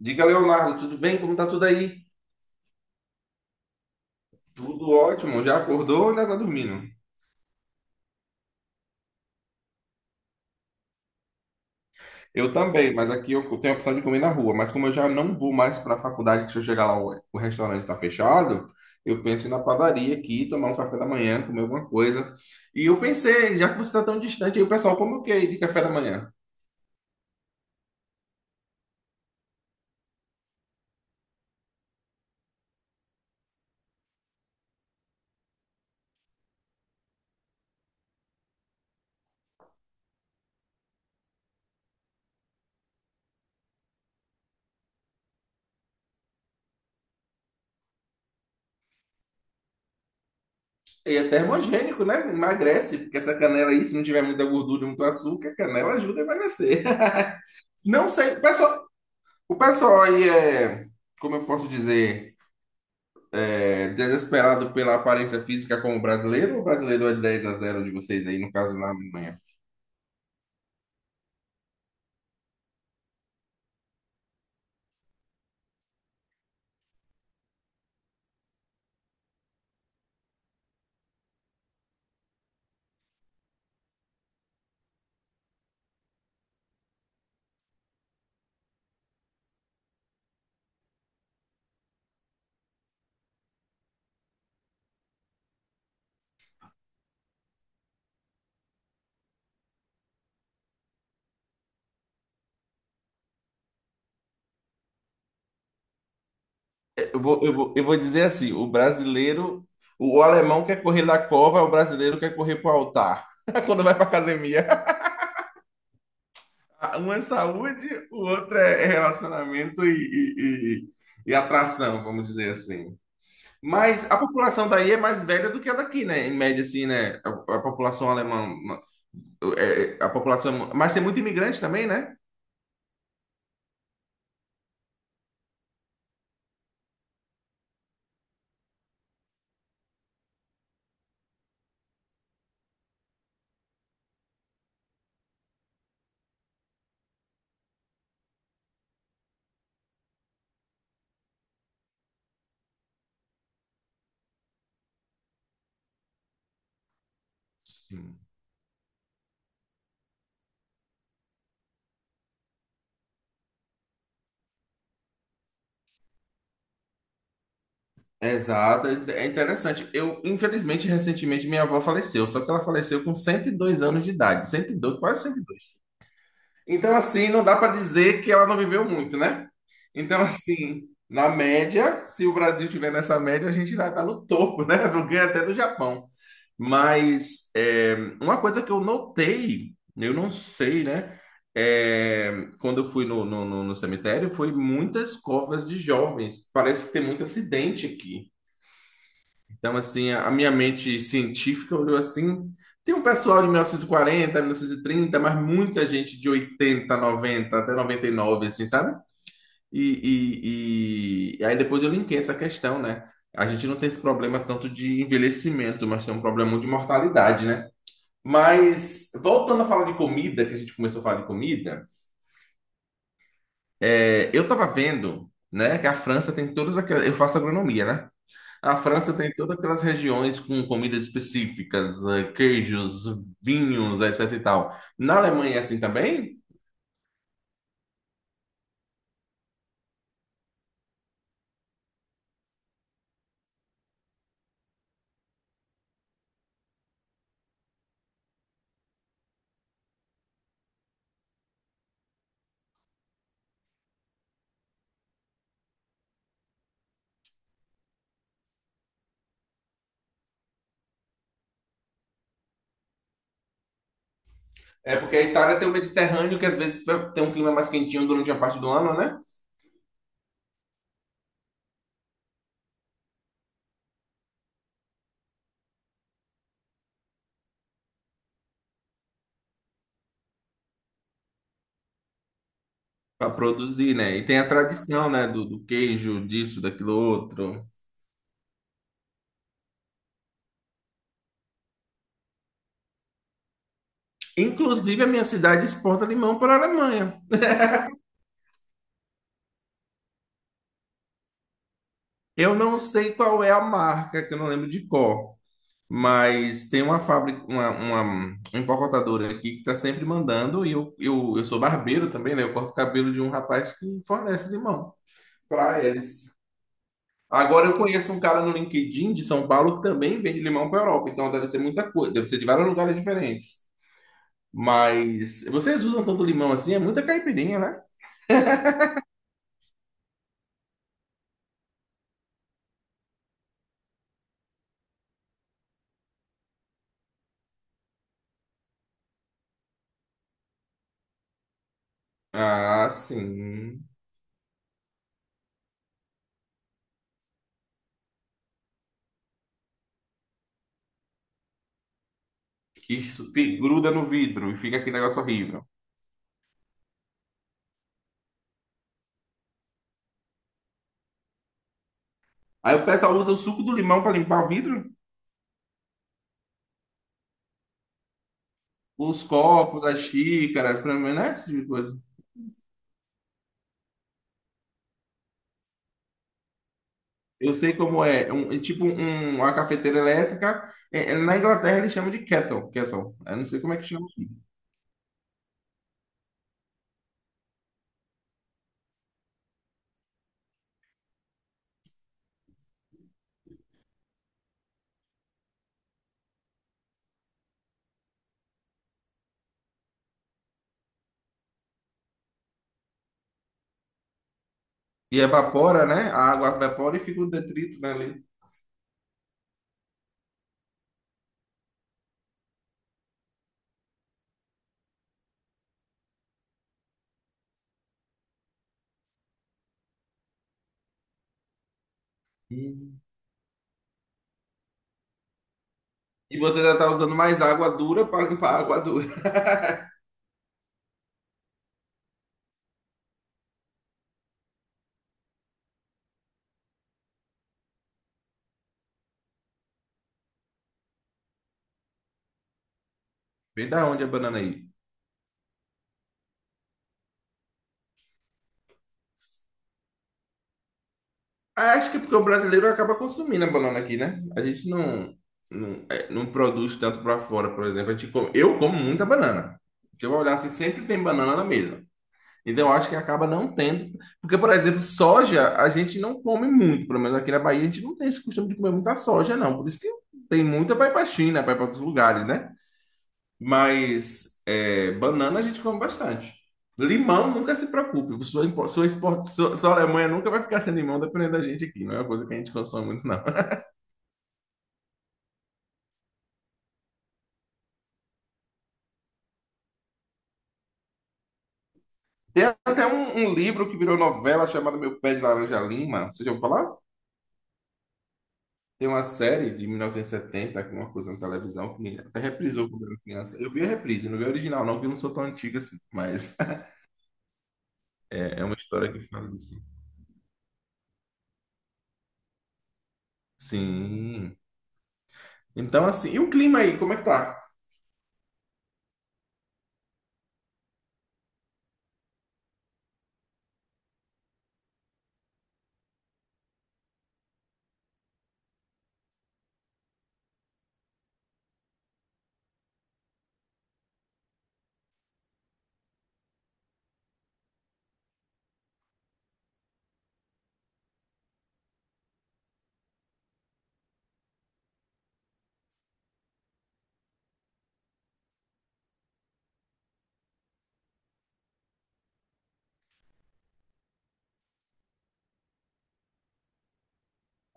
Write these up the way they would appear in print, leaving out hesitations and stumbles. Diga, Leonardo, tudo bem? Como tá tudo aí? Tudo ótimo. Já acordou ou ainda tá dormindo? Eu também, mas aqui eu tenho a opção de comer na rua. Mas como eu já não vou mais para a faculdade, que se eu chegar lá o restaurante está fechado, eu penso em ir na padaria aqui, tomar um café da manhã, comer alguma coisa. E eu pensei, já que você está tão distante, aí o pessoal come o quê de café da manhã? E é termogênico, né? Emagrece, porque essa canela aí, se não tiver muita gordura e muito açúcar, a canela ajuda a emagrecer. Não sei, o pessoal aí é, como eu posso dizer... É, desesperado pela aparência física como brasileiro, ou o brasileiro é 10 a zero de vocês aí, no caso na Alemanha? Eu vou dizer assim: o brasileiro, o alemão quer correr na cova, o brasileiro quer correr pro altar. Quando vai pra academia, um é saúde, o outro é relacionamento e atração, vamos dizer assim. Mas a população daí é mais velha do que a daqui, né? Em média, assim, né? A população alemã, a população. Mas tem muito imigrante também, né? Exato, é interessante. Eu, infelizmente, recentemente minha avó faleceu, só que ela faleceu com 102 anos de idade, 102, quase 102. Então, assim, não dá para dizer que ela não viveu muito, né? Então, assim, na média, se o Brasil tiver nessa média, a gente vai estar no topo, né? Eu ganho até do Japão. Mas uma coisa que eu notei, eu não sei, né? É, quando eu fui no cemitério, foi muitas covas de jovens. Parece que tem muito acidente aqui. Então, assim, a minha mente científica olhou assim. Tem um pessoal de 1940, 1930, mas muita gente de 80, 90, até 99, assim, sabe? E aí depois eu linkei essa questão, né? A gente não tem esse problema tanto de envelhecimento, mas tem um problema muito de mortalidade, né? Mas, voltando a falar de comida, que a gente começou a falar de comida, eu tava vendo, né, que a França tem todas aquelas... Eu faço agronomia, né? A França tem todas aquelas regiões com comidas específicas, queijos, vinhos, etc e tal. Na Alemanha é assim também? É porque a Itália tem o Mediterrâneo, que às vezes tem um clima mais quentinho durante a parte do ano, né? Para produzir, né? E tem a tradição, né? Do queijo, disso, daquilo outro. Inclusive, a minha cidade exporta limão para a Alemanha. Eu não sei qual é a marca, que eu não lembro de cor. Mas tem uma fábrica, uma empacotadora aqui que está sempre mandando, e eu sou barbeiro também, né? Eu corto o cabelo de um rapaz que fornece limão para eles. Agora eu conheço um cara no LinkedIn de São Paulo que também vende limão para a Europa, então deve ser muita coisa, deve ser de vários lugares diferentes. Mas vocês usam tanto limão assim? É muita caipirinha, né? Ah, sim. Que isso que gruda no vidro e fica aquele negócio horrível. Aí o pessoal usa o suco do limão para limpar o vidro? Os copos, as xícaras, pra mim, não é esse tipo de coisa. Eu sei como é. Uma cafeteira elétrica. Na Inglaterra eles chamam de kettle, kettle. Eu não sei como é que chama. E evapora, né? A água evapora e fica o detrito, né, ali. Hum. E você já tá usando mais água dura para limpar a água dura. Vem da onde a banana aí? Ah, acho que é porque o brasileiro acaba consumindo a banana aqui, né? A gente não, não, não produz tanto para fora, por exemplo. Eu como muita banana. Se eu olhar assim, sempre tem banana na mesa. Então, eu acho que acaba não tendo. Porque, por exemplo, soja a gente não come muito, pelo menos aqui na Bahia, a gente não tem esse costume de comer muita soja, não. Por isso que tem muita vai para China, vai para outros lugares, né? Mas banana a gente come bastante. Limão, nunca se preocupe. Sua, impo- sua, export, sua, sua Alemanha nunca vai ficar sem limão, dependendo da gente aqui. Não é uma coisa que a gente consome muito, não. Tem até um livro que virou novela chamado Meu Pé de Laranja Lima. Você já ouviu falar? Tem uma série de 1970 que é uma coisa na televisão, que até reprisou quando eu era criança. Eu vi a reprise, não vi a original, não, porque eu não sou tão antigo assim, mas é, é uma história que fala disso. Sim. Então, assim, e o clima aí, como é que tá?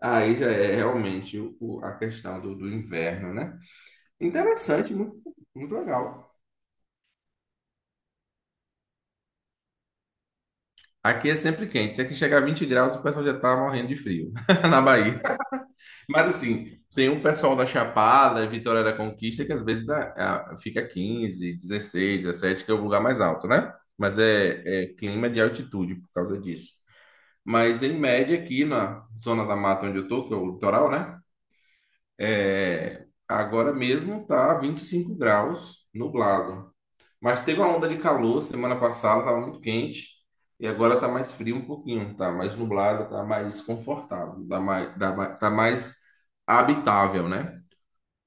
Aí já é realmente a questão do inverno, né? Interessante, muito, muito legal. Aqui é sempre quente. Se aqui chegar a 20 graus, o pessoal já tá morrendo de frio na Bahia. Mas assim, tem um pessoal da Chapada, Vitória da Conquista, que às vezes fica 15, 16, 17, que é o lugar mais alto, né? Mas é clima de altitude por causa disso. Mas em média, aqui na zona da mata onde eu tô, que é o litoral, né? É, agora mesmo tá 25 graus nublado. Mas teve uma onda de calor semana passada, estava muito quente. E agora está mais frio um pouquinho, tá mais nublado, está mais confortável, tá mais habitável, né?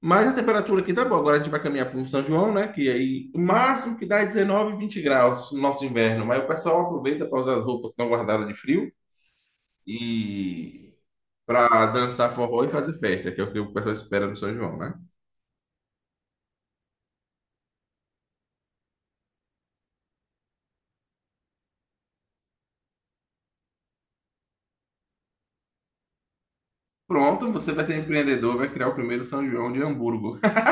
Mas a temperatura aqui tá boa. Agora a gente vai caminhar para o São João, né? Que aí o máximo que dá é 19, 20 graus no nosso inverno. Mas o pessoal aproveita para usar as roupas que estão guardadas de frio e para dançar forró e fazer festa, que é o que o pessoal espera do São João, né? Pronto, você vai ser empreendedor, vai criar o primeiro São João de Hamburgo.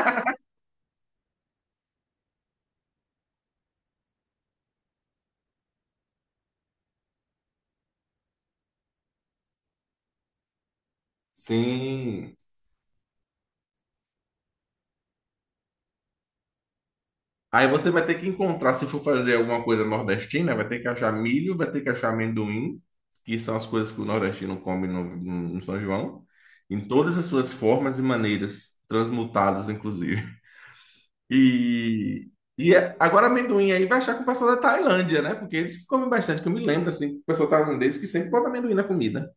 Sim. Aí você vai ter que encontrar, se for fazer alguma coisa nordestina, vai ter que achar milho, vai ter que achar amendoim, que são as coisas que o nordestino come São João, em todas as suas formas e maneiras, transmutados, inclusive. E, agora amendoim aí vai achar com o pessoal da Tailândia, né? Porque eles que comem bastante, que eu me lembro, assim, o pessoal tailandês que sempre bota amendoim na comida.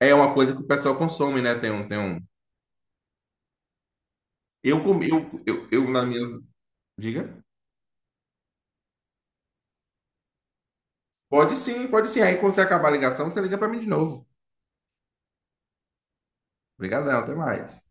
É uma coisa que o pessoal consome, né? Tem um... Eu comi, eu na minha... Diga? Pode sim, pode sim. Aí quando você acabar a ligação, você liga para mim de novo. Obrigadão, até mais.